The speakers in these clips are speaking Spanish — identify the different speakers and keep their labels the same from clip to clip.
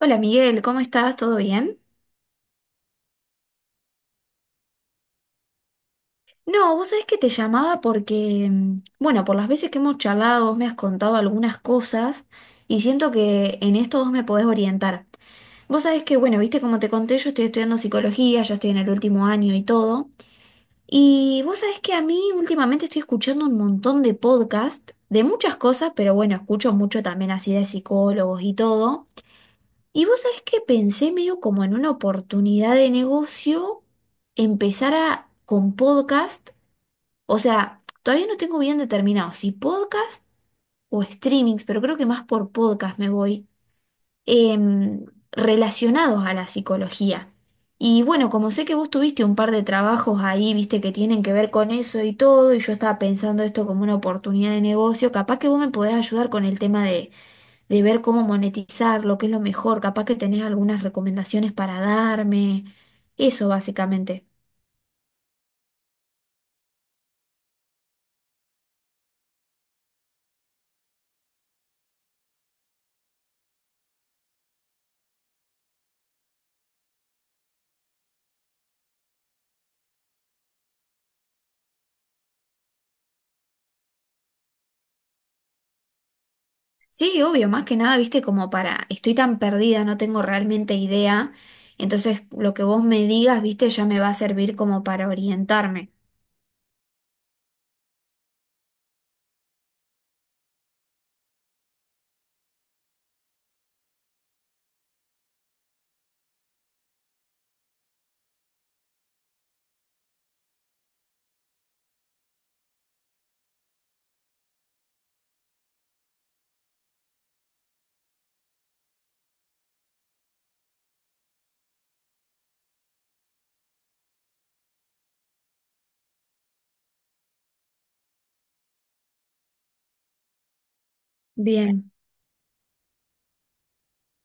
Speaker 1: Hola Miguel, ¿cómo estás? ¿Todo bien? No, vos sabés que te llamaba porque, bueno, por las veces que hemos charlado, vos me has contado algunas cosas y siento que en esto vos me podés orientar. Vos sabés que, bueno, viste como te conté, yo estoy estudiando psicología, ya estoy en el último año y todo. Y vos sabés que a mí últimamente estoy escuchando un montón de podcasts de muchas cosas, pero bueno, escucho mucho también así de psicólogos y todo. Y vos sabés que pensé medio como en una oportunidad de negocio, empezar a, con podcast, o sea, todavía no tengo bien determinado si podcast o streamings, pero creo que más por podcast me voy, em, relacionados a la psicología. Y bueno, como sé que vos tuviste un par de trabajos ahí, viste, que tienen que ver con eso y todo, y yo estaba pensando esto como una oportunidad de negocio, capaz que vos me podés ayudar con el tema de ver cómo monetizar, lo que es lo mejor, capaz que tenés algunas recomendaciones para darme, eso básicamente. Sí, obvio, más que nada, viste, como para, estoy tan perdida, no tengo realmente idea, entonces lo que vos me digas, viste, ya me va a servir como para orientarme. Bien.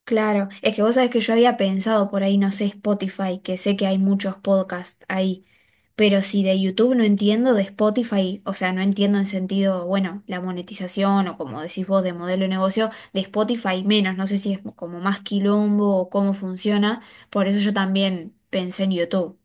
Speaker 1: Claro, es que vos sabés que yo había pensado por ahí, no sé, Spotify, que sé que hay muchos podcasts ahí, pero si de YouTube no entiendo, de Spotify, o sea, no entiendo en sentido, bueno, la monetización o como decís vos, de modelo de negocio, de Spotify menos, no sé si es como más quilombo o cómo funciona, por eso yo también pensé en YouTube.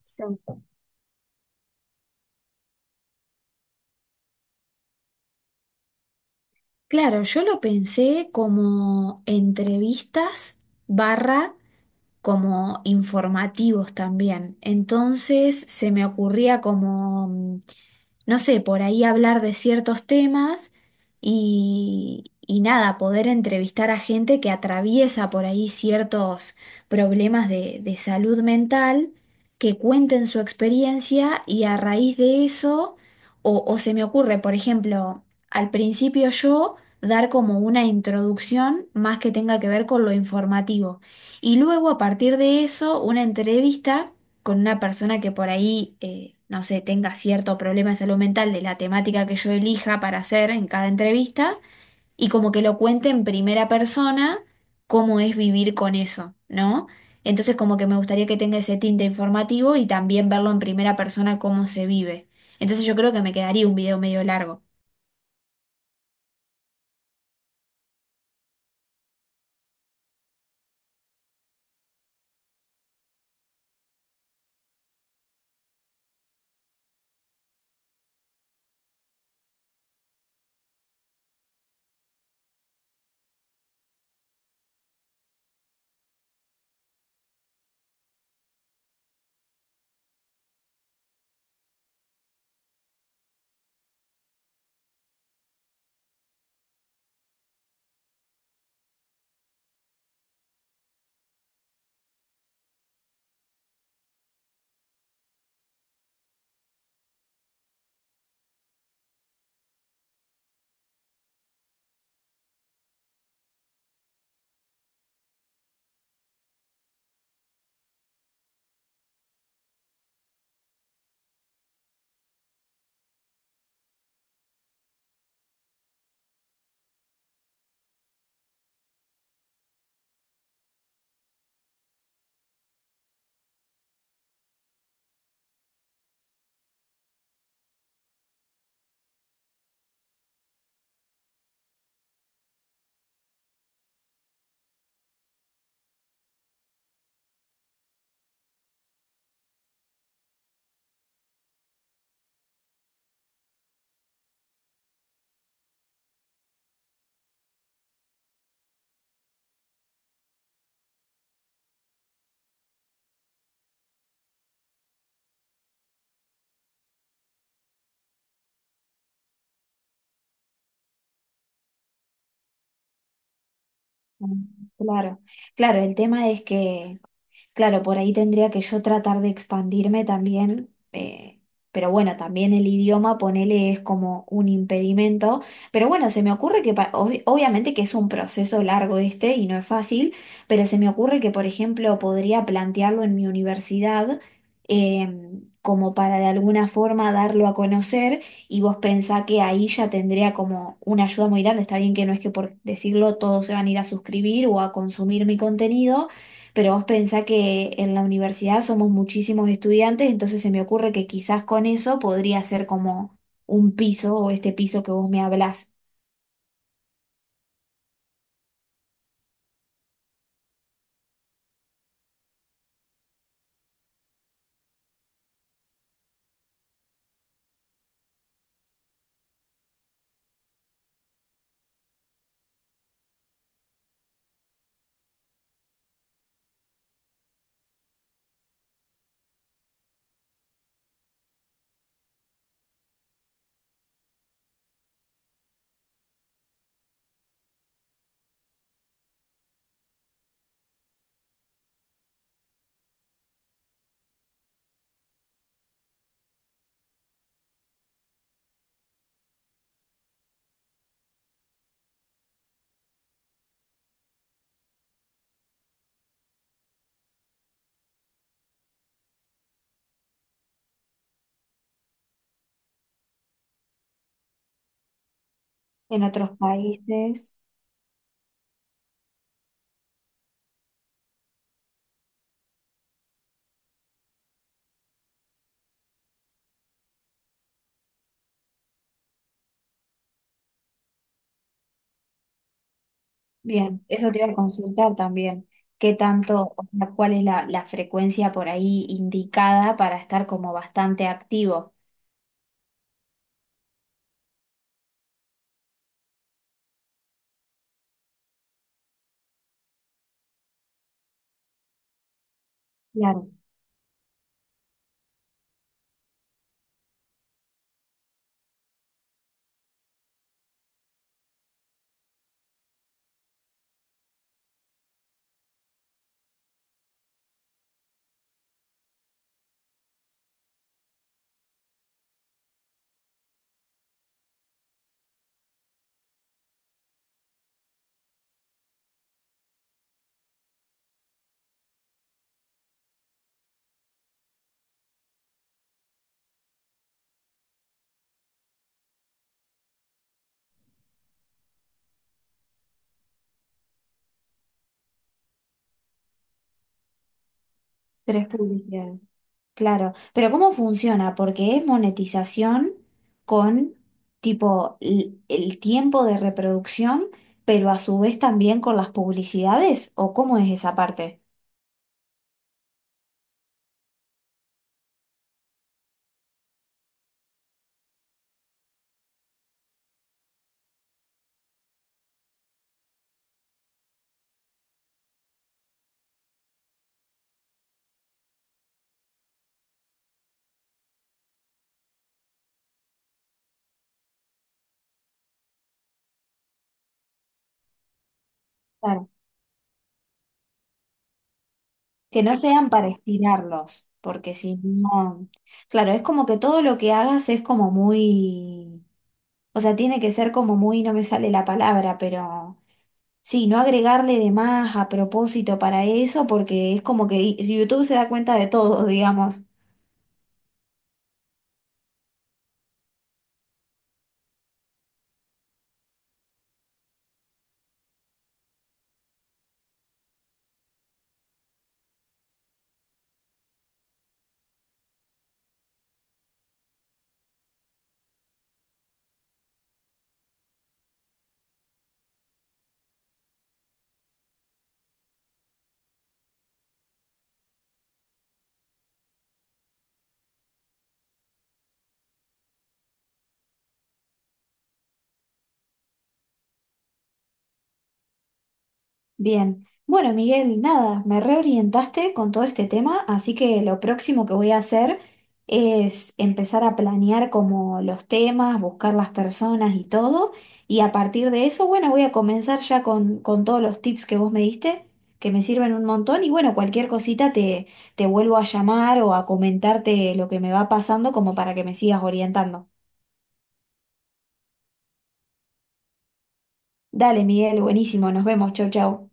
Speaker 1: Sí. Claro, yo lo pensé como entrevistas barra como informativos también. Entonces se me ocurría como no sé, por ahí hablar de ciertos temas y nada, poder entrevistar a gente que atraviesa por ahí ciertos problemas de salud mental, que cuenten su experiencia y a raíz de eso, o se me ocurre, por ejemplo, al principio yo dar como una introducción más que tenga que ver con lo informativo y luego a partir de eso una entrevista con una persona que por ahí, no sé, tenga cierto problema de salud mental de la temática que yo elija para hacer en cada entrevista y como que lo cuente en primera persona cómo es vivir con eso, ¿no? Entonces como que me gustaría que tenga ese tinte informativo y también verlo en primera persona cómo se vive. Entonces yo creo que me quedaría un video medio largo. Mm, claro, claro, el tema es que claro, por ahí tendría que yo tratar de expandirme también, pero bueno, también el idioma, ponele, es como un impedimento, pero bueno, se me ocurre que, obviamente que es un proceso largo este y no es fácil, pero se me ocurre que, por ejemplo, podría plantearlo en mi universidad, como para de alguna forma darlo a conocer y vos pensá que ahí ya tendría como una ayuda muy grande, está bien que no es que por decirlo todos se van a ir a suscribir o a consumir mi contenido pero vos pensá que en la universidad somos muchísimos estudiantes, entonces se me ocurre que quizás con eso podría ser como un piso o este piso que vos me hablás en otros países. Bien, eso te iba a consultar también. ¿Qué tanto, o sea, cuál es la frecuencia por ahí indicada para estar como bastante activo? Claro, tres publicidades. Claro, pero ¿cómo funciona? Porque es monetización con tipo el, tiempo de reproducción, pero a su vez también con las publicidades, ¿o cómo es esa parte? Claro. Que no sean para estirarlos, porque si no... Claro, es como que todo lo que hagas es como muy... O sea, tiene que ser como muy, no me sale la palabra, pero... Sí, no agregarle de más a propósito para eso, porque es como que YouTube se da cuenta de todo, digamos. Bien, bueno Miguel, nada, me reorientaste con todo este tema, así que lo próximo que voy a hacer es empezar a planear como los temas, buscar las personas y todo, y a partir de eso, bueno, voy a comenzar ya con todos los tips que vos me diste, que me sirven un montón, y bueno, cualquier cosita te vuelvo a llamar o a comentarte lo que me va pasando como para que me sigas orientando. Dale Miguel, buenísimo, nos vemos, chau chau.